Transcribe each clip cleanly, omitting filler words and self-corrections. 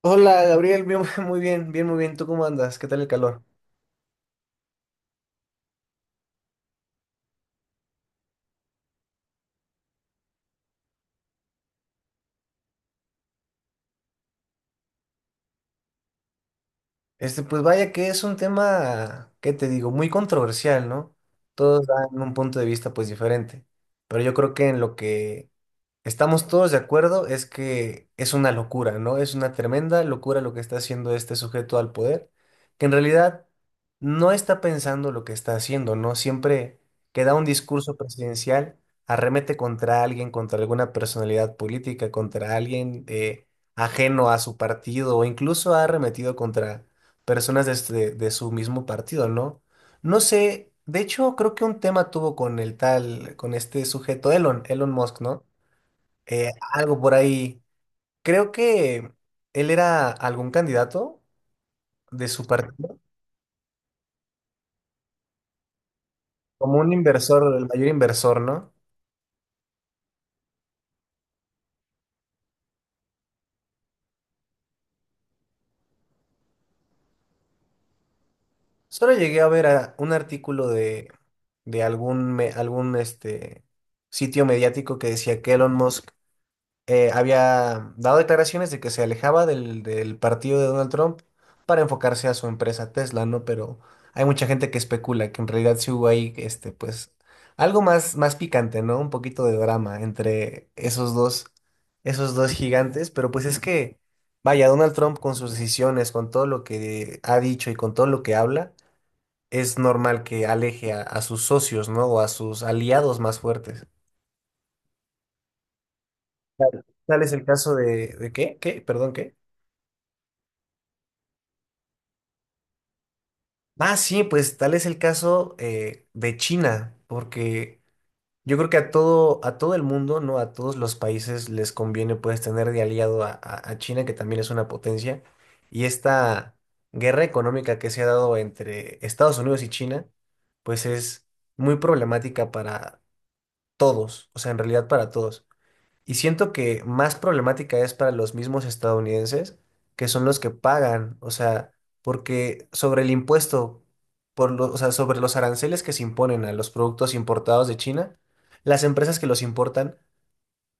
Hola Gabriel, bien, muy bien, bien, muy bien. ¿Tú cómo andas? ¿Qué tal el calor? Pues vaya que es un tema, ¿qué te digo? Muy controversial, ¿no? Todos dan un punto de vista pues diferente, pero yo creo que en lo que estamos todos de acuerdo es que es una locura, ¿no? Es una tremenda locura lo que está haciendo este sujeto al poder, que en realidad no está pensando lo que está haciendo, ¿no? Siempre que da un discurso presidencial, arremete contra alguien, contra alguna personalidad política, contra alguien ajeno a su partido, o incluso ha arremetido contra personas de, de su mismo partido, ¿no? No sé, de hecho, creo que un tema tuvo con el tal, con este sujeto, Elon Musk, ¿no? Algo por ahí. Creo que él era algún candidato de su partido, como un inversor, el mayor inversor, ¿no? Solo llegué a ver un artículo de algún, algún sitio mediático que decía que Elon Musk había dado declaraciones de que se alejaba del partido de Donald Trump para enfocarse a su empresa Tesla, ¿no? Pero hay mucha gente que especula que en realidad sí hubo ahí, pues, algo más, más picante, ¿no? Un poquito de drama entre esos dos gigantes, pero pues es que, vaya, Donald Trump con sus decisiones, con todo lo que ha dicho y con todo lo que habla, es normal que aleje a sus socios, ¿no? O a sus aliados más fuertes. Tal es el caso ¿de qué? ¿Qué? Perdón, ¿qué? Ah, sí, pues tal es el caso de China, porque yo creo que a todo el mundo, ¿no? A todos los países les conviene pues tener de aliado a China, que también es una potencia, y esta guerra económica que se ha dado entre Estados Unidos y China, pues es muy problemática para todos, o sea, en realidad para todos. Y siento que más problemática es para los mismos estadounidenses, que son los que pagan, o sea, porque sobre el impuesto, o sea, sobre los aranceles que se imponen a los productos importados de China, las empresas que los importan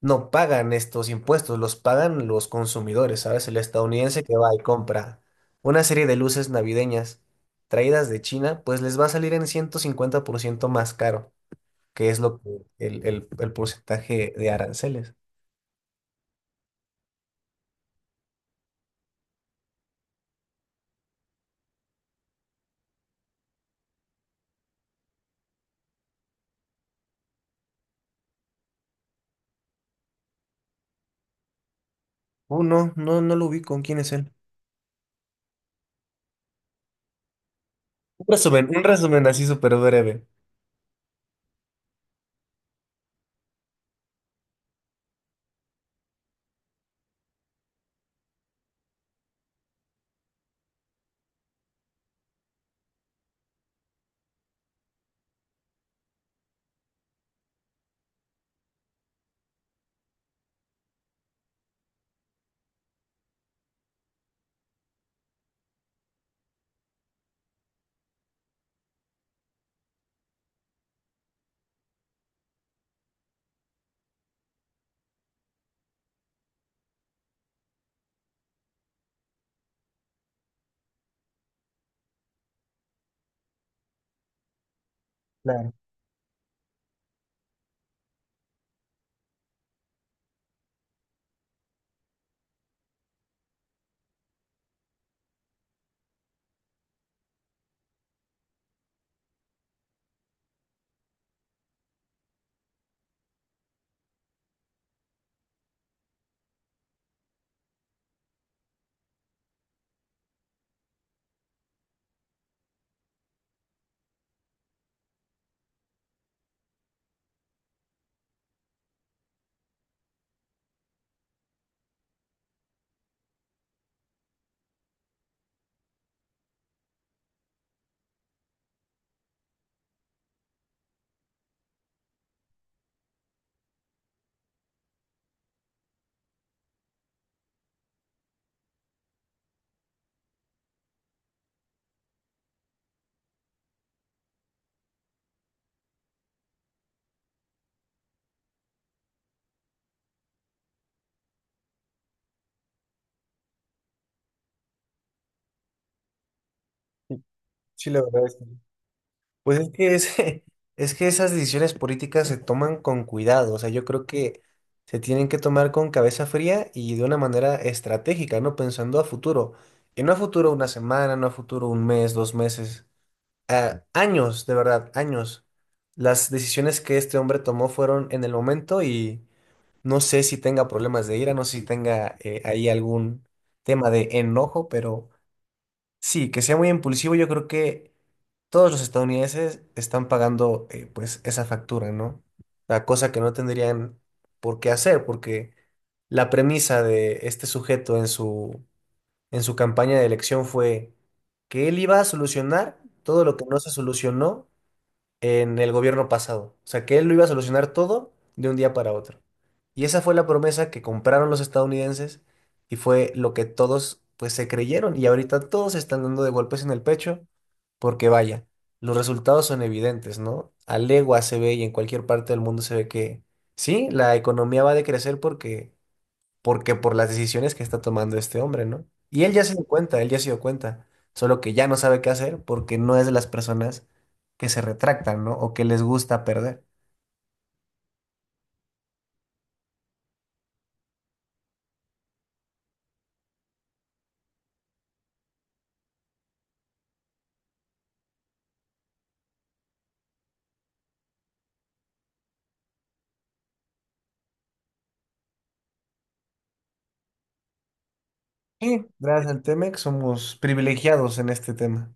no pagan estos impuestos, los pagan los consumidores, ¿sabes? El estadounidense que va y compra una serie de luces navideñas traídas de China, pues les va a salir en 150% más caro, que es lo que el porcentaje de aranceles. Oh, no, no, no lo ubico. ¿Quién es él? Un resumen así súper breve. Claro, sí, sí, la verdad es que. Sí. Pues es que es que esas decisiones políticas se toman con cuidado. O sea, yo creo que se tienen que tomar con cabeza fría y de una manera estratégica, ¿no? Pensando a futuro. Y no a futuro una semana, no a futuro un mes, dos meses. A años, de verdad, años. Las decisiones que este hombre tomó fueron en el momento. No sé si tenga problemas de ira, no sé si tenga ahí algún tema de enojo, pero sí, que sea muy impulsivo, yo creo que todos los estadounidenses están pagando pues esa factura, ¿no? La cosa que no tendrían por qué hacer, porque la premisa de este sujeto en su campaña de elección fue que él iba a solucionar todo lo que no se solucionó en el gobierno pasado. O sea, que él lo iba a solucionar todo de un día para otro. Y esa fue la promesa que compraron los estadounidenses y fue lo que todos pues se creyeron y ahorita todos se están dando de golpes en el pecho porque vaya, los resultados son evidentes, ¿no? A legua se ve y en cualquier parte del mundo se ve que sí, la economía va a decrecer porque por las decisiones que está tomando este hombre, ¿no? Y él ya se dio cuenta, él ya se dio cuenta, solo que ya no sabe qué hacer porque no es de las personas que se retractan, ¿no? O que les gusta perder. Sí, gracias al Temex somos privilegiados en este tema.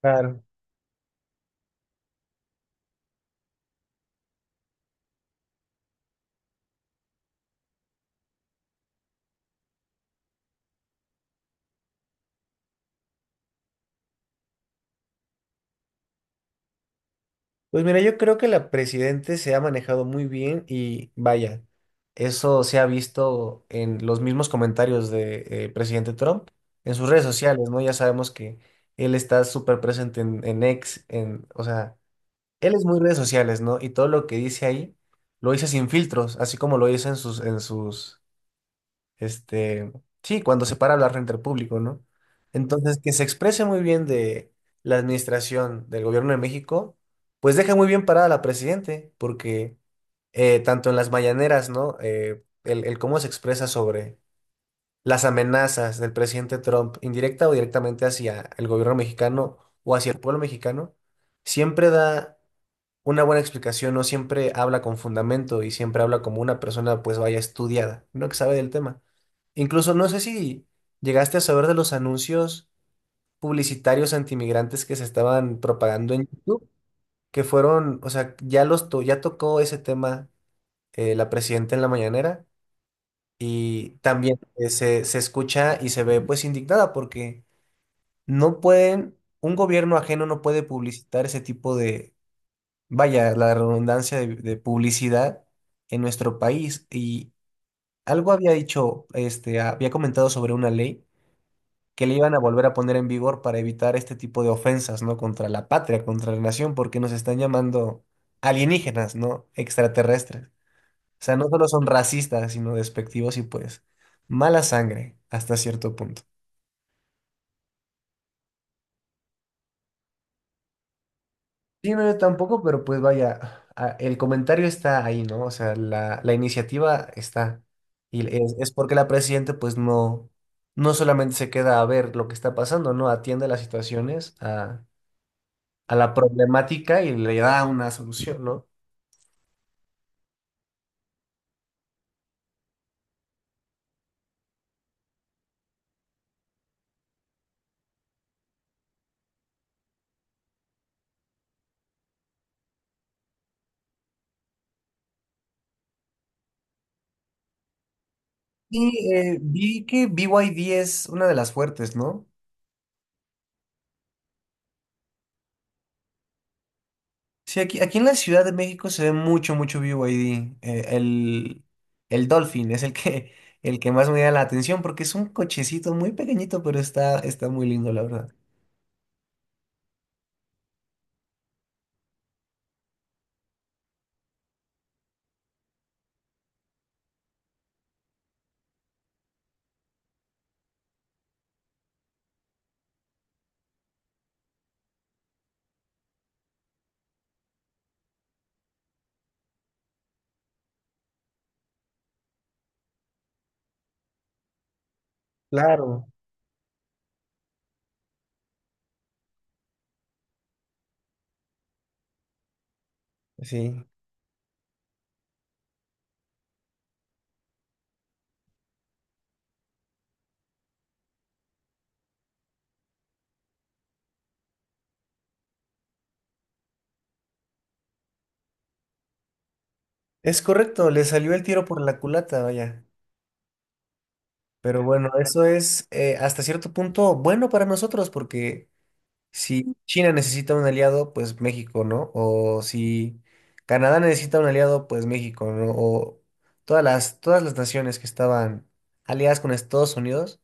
Claro. Pues mira, yo creo que la presidente se ha manejado muy bien y vaya, eso se ha visto en los mismos comentarios de presidente Trump en sus redes sociales, ¿no? Ya sabemos que él está súper presente en X, en, o sea, él es muy redes sociales, ¿no? Y todo lo que dice ahí lo dice sin filtros, así como lo dice este, sí, cuando se para a hablar frente al público, ¿no? Entonces, que se exprese muy bien de la administración del gobierno de México, pues deja muy bien parada a la presidente, porque tanto en las mañaneras, ¿no? El cómo se expresa sobre las amenazas del presidente Trump, indirecta o directamente hacia el gobierno mexicano o hacia el pueblo mexicano, siempre da una buena explicación, no siempre habla con fundamento y siempre habla como una persona, pues vaya estudiada, no que sabe del tema. Incluso no sé si llegaste a saber de los anuncios publicitarios antimigrantes que se estaban propagando en YouTube, que fueron, o sea, ya tocó ese tema la presidenta en la mañanera y también se escucha y se ve pues indignada porque no pueden, un gobierno ajeno no puede publicitar ese tipo de, vaya, la redundancia de publicidad en nuestro país. Y algo había dicho, había comentado sobre una ley que le iban a volver a poner en vigor para evitar este tipo de ofensas, ¿no? Contra la patria, contra la nación, porque nos están llamando alienígenas, ¿no? Extraterrestres. O sea, no solo son racistas, sino despectivos y pues mala sangre hasta cierto punto. Sí, no, yo tampoco, pero pues vaya, el comentario está ahí, ¿no? O sea, la iniciativa está. Y es porque la presidenta pues no, no solamente se queda a ver lo que está pasando, ¿no? Atiende las situaciones, a la problemática y le da una solución, ¿no? Y vi que BYD es una de las fuertes, ¿no? Sí, aquí, aquí en la Ciudad de México se ve mucho, mucho BYD. El Dolphin es el que, el que más me da la atención porque es un cochecito muy pequeñito, pero está, está muy lindo, la verdad. Claro. Sí. Es correcto, le salió el tiro por la culata, vaya. Pero bueno, eso es hasta cierto punto bueno para nosotros porque si China necesita un aliado, pues México, ¿no? O si Canadá necesita un aliado, pues México, ¿no? O todas las naciones que estaban aliadas con Estados Unidos,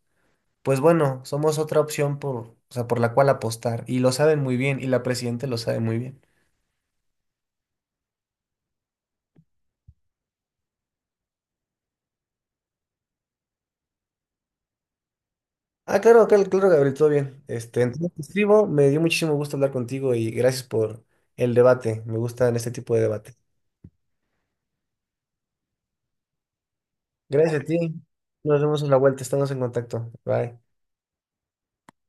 pues bueno, somos otra opción por, o sea, por la cual apostar. Y lo saben muy bien, y la presidenta lo sabe muy bien. Ah, claro, claro, claro, Gabriel, todo bien. Entonces te escribo, me dio muchísimo gusto hablar contigo y gracias por el debate. Me gustan este tipo de debate. Gracias a ti. Nos vemos en la vuelta, estamos en contacto. Bye.